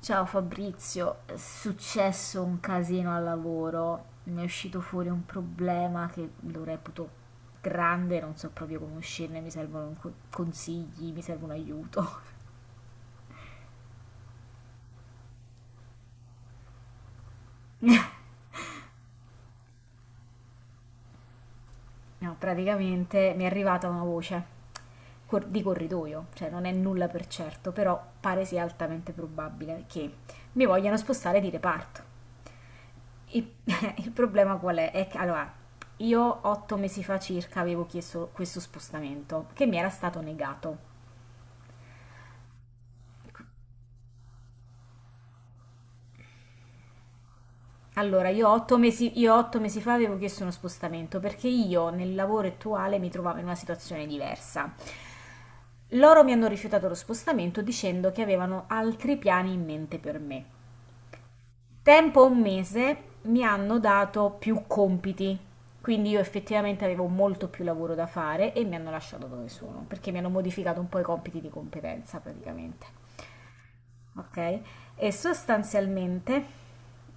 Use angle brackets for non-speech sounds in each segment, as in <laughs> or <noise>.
Ciao Fabrizio, è successo un casino al lavoro, mi è uscito fuori un problema che lo reputo grande, non so proprio come uscirne, mi servono consigli, mi serve un aiuto. <laughs> No, praticamente mi è arrivata una voce di corridoio, cioè non è nulla per certo, però pare sia altamente probabile che mi vogliano spostare di reparto. Il, <laughs> il problema qual è? È che allora, io 8 mesi fa circa avevo chiesto questo spostamento che mi era stato negato. Allora, io otto mesi fa avevo chiesto uno spostamento perché io nel lavoro attuale mi trovavo in una situazione diversa. Loro mi hanno rifiutato lo spostamento dicendo che avevano altri piani in mente per me. Tempo un mese mi hanno dato più compiti, quindi io effettivamente avevo molto più lavoro da fare e mi hanno lasciato dove sono, perché mi hanno modificato un po' i compiti di competenza praticamente, ok? E sostanzialmente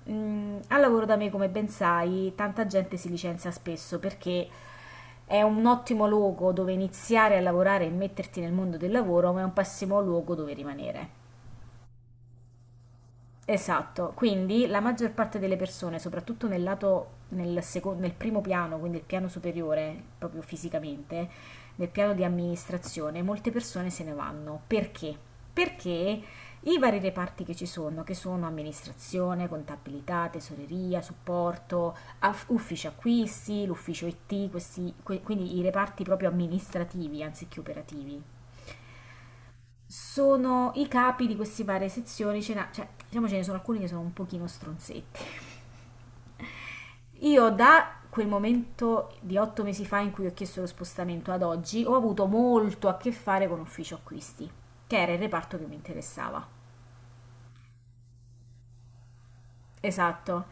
al lavoro da me, come ben sai, tanta gente si licenzia spesso perché è un ottimo luogo dove iniziare a lavorare e metterti nel mondo del lavoro, ma è un pessimo luogo dove rimanere. Esatto, quindi la maggior parte delle persone, soprattutto nel lato, nel primo piano, quindi il piano superiore, proprio fisicamente, nel piano di amministrazione, molte persone se ne vanno. Perché? Perché i vari reparti che ci sono, che sono amministrazione, contabilità, tesoreria, supporto, ufficio acquisti, l'ufficio IT, quindi i reparti proprio amministrativi anziché operativi, sono i capi di queste varie sezioni, cioè, diciamo ce ne sono alcuni che sono un pochino stronzetti. Io da quel momento di 8 mesi fa in cui ho chiesto lo spostamento ad oggi, ho avuto molto a che fare con ufficio acquisti, che era il reparto che mi interessava. Esatto,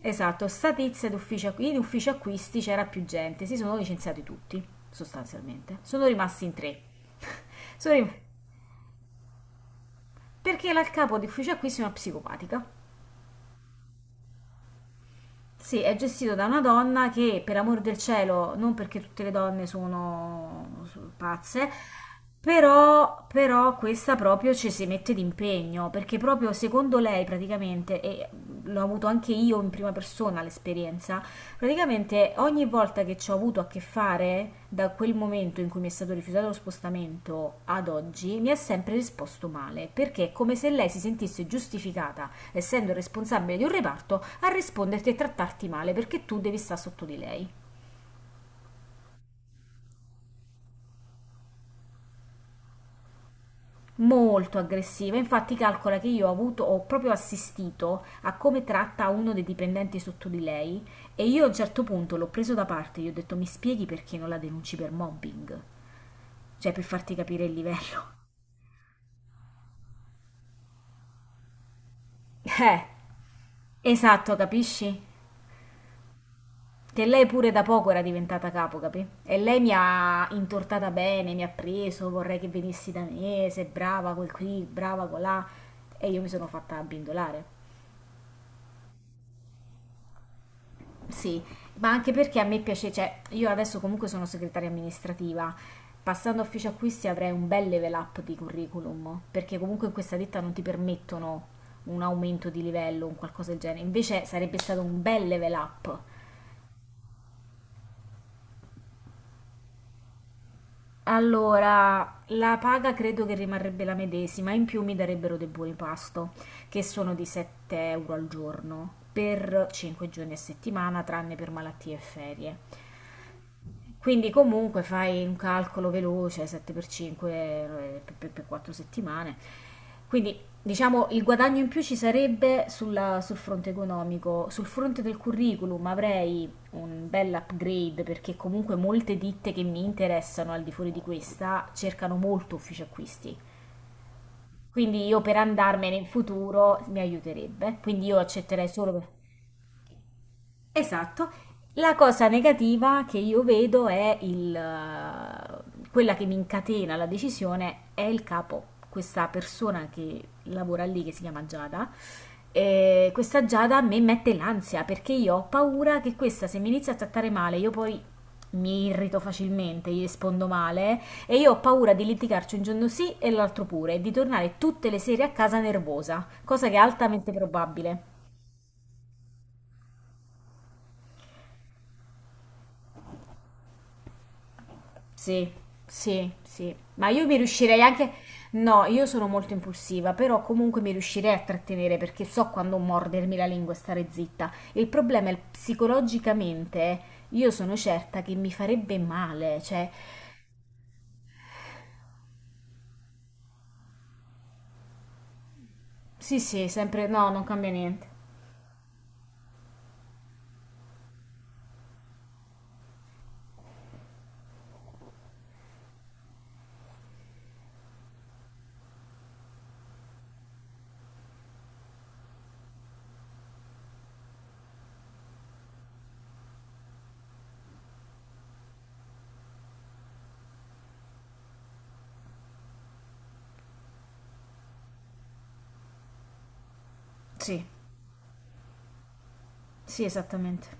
esatto, sta tizia d'ufficio, acqu- in ufficio acquisti c'era più gente, si sono licenziati tutti, sostanzialmente. Sono rimasti in tre. <laughs> Sono rim- perché la il capo di ufficio acquisti è una psicopatica. Sì, è gestito da una donna che, per amor del cielo, non perché tutte le donne sono pazze, però questa proprio ci si mette d'impegno, perché proprio secondo lei praticamente, e l'ho avuto anche io in prima persona l'esperienza. Praticamente ogni volta che ci ho avuto a che fare, da quel momento in cui mi è stato rifiutato lo spostamento ad oggi, mi ha sempre risposto male, perché è come se lei si sentisse giustificata, essendo responsabile di un reparto, a risponderti e trattarti male perché tu devi stare sotto di lei. Molto aggressiva, infatti calcola che io ho avuto, ho proprio assistito a come tratta uno dei dipendenti sotto di lei e io a un certo punto l'ho preso da parte, gli ho detto mi spieghi perché non la denunci per mobbing, cioè per farti capire il livello. Eh, esatto, capisci? Che lei pure da poco era diventata capo, capì? E lei mi ha intortata bene, mi ha preso, vorrei che venissi da me, sei brava quel qui, brava colà. E io mi sono fatta abbindolare. Sì, ma anche perché a me piace, cioè, io adesso comunque sono segretaria amministrativa. Passando a ufficio acquisti avrei un bel level up di curriculum, perché comunque in questa ditta non ti permettono un aumento di livello, un qualcosa del genere. Invece sarebbe stato un bel level up. Allora, la paga credo che rimarrebbe la medesima, in più mi darebbero dei buoni pasto, che sono di 7 euro al giorno, per 5 giorni a settimana, tranne per malattie e ferie. Quindi comunque fai un calcolo veloce, 7 per 5 per 4 settimane. Quindi diciamo il guadagno in più ci sarebbe sul fronte economico, sul fronte del curriculum avrei un bel upgrade perché comunque molte ditte che mi interessano al di fuori di questa cercano molto uffici acquisti. Quindi io per andarmene in futuro mi aiuterebbe. Quindi io accetterei solo per... Esatto. La cosa negativa che io vedo è quella che mi incatena la decisione è il capo, questa persona che lavora lì, che si chiama Giada. Questa Giada a me mette l'ansia perché io ho paura che questa, se mi inizia a trattare male, io poi mi irrito facilmente, gli rispondo male e io ho paura di litigarci un giorno sì e l'altro pure e di tornare tutte le sere a casa nervosa, cosa che è altamente probabile. Sì, sì, sì, ma io mi riuscirei anche... No, io sono molto impulsiva, però comunque mi riuscirei a trattenere perché so quando mordermi la lingua e stare zitta. Il problema è psicologicamente, io sono certa che mi farebbe male, cioè... Sì, sì, sempre... No, non cambia niente. Sì, sì, esattamente.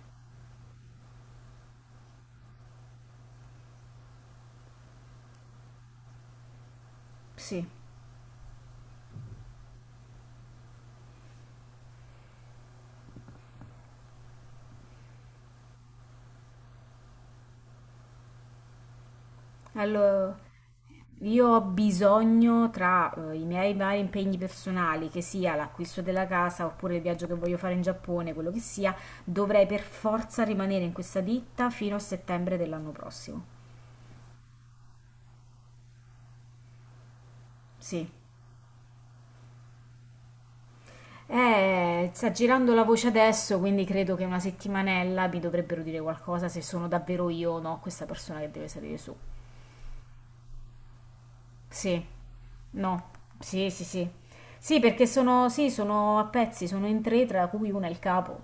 Sì. Allora, io ho bisogno tra i miei vari impegni personali, che sia l'acquisto della casa oppure il viaggio che voglio fare in Giappone, quello che sia, dovrei per forza rimanere in questa ditta fino a settembre dell'anno prossimo. Sì. Sta girando la voce adesso, quindi credo che una settimanella mi dovrebbero dire qualcosa se sono davvero io o no questa persona che deve salire su. Sì. No. Sì, sì, sì. Sì, perché sono, sì, sono a pezzi, sono in tre, tra cui una è il capo.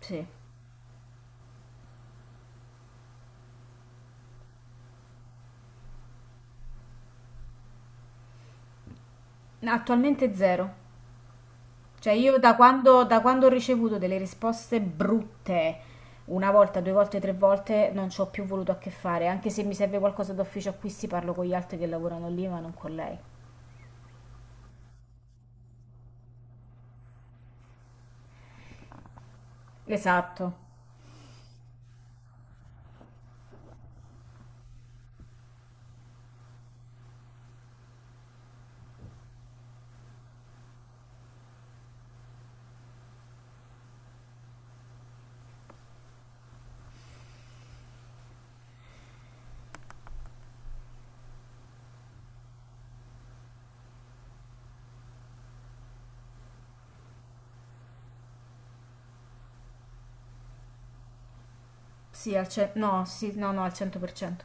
Sì, attualmente zero. Cioè io da quando ho ricevuto delle risposte brutte, una volta, due volte, tre volte, non ci ho più voluto a che fare, anche se mi serve qualcosa d'ufficio acquisti parlo con gli altri che lavorano lì, ma non con lei. Esatto. Sì, no, sì, no, no, al 100%.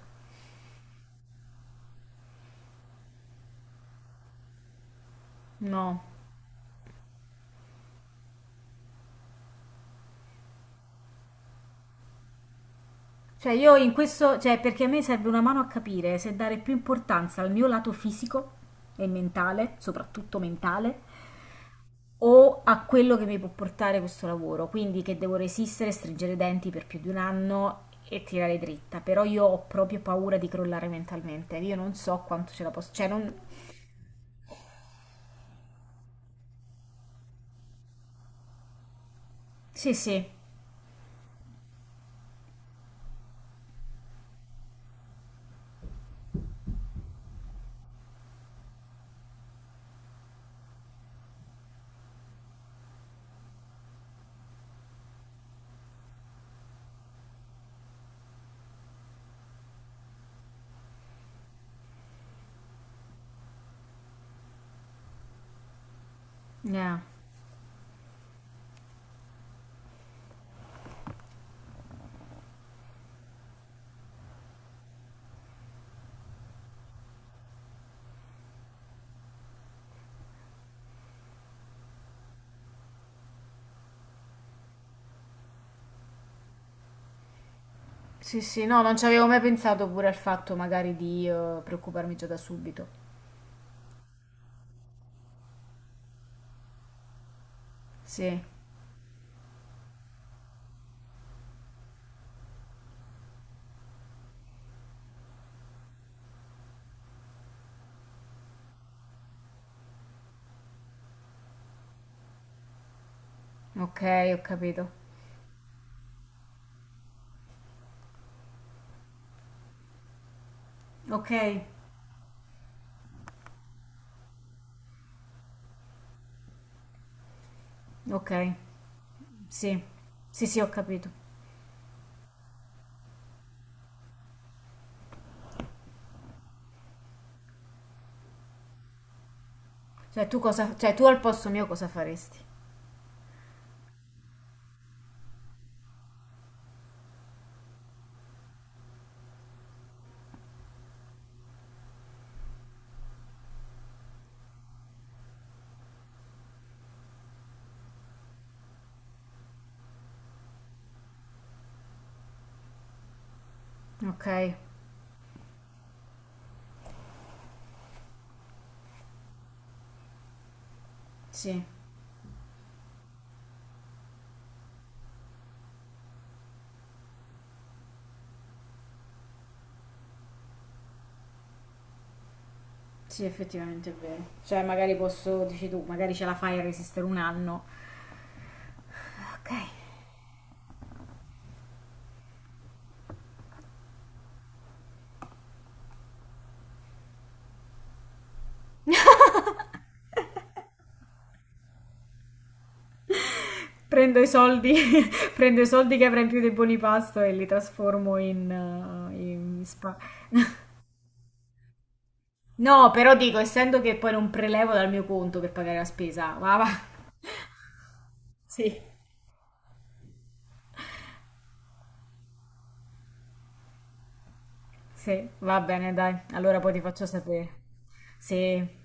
No. Cioè io in questo, cioè perché a me serve una mano a capire se dare più importanza al mio lato fisico e mentale, soprattutto mentale, o a quello che mi può portare questo lavoro, quindi che devo resistere, stringere i denti per più di un anno e tirare dritta, però io ho proprio paura di crollare mentalmente, io non so quanto ce la posso, cioè non... Sì, sì, eh, sì, sì, no, non ci avevo mai pensato pure al fatto magari di preoccuparmi già da subito. Sì, ok, ho capito. Ok, ok, sì, sì, sì, ho capito. Cioè tu cosa, cioè tu al posto mio cosa faresti? Ok, sì. Sì, effettivamente è vero. Cioè, magari posso, dici tu, magari ce la fai a resistere un anno. Ok. Prendo i soldi, <laughs> prendo i soldi che avrei in più dei buoni pasto e li trasformo in, in spa. <laughs> No, però dico, essendo che poi non prelevo dal mio conto per pagare la spesa, va, va. Sì. Sì, va bene, dai. Allora poi ti faccio sapere. Sì,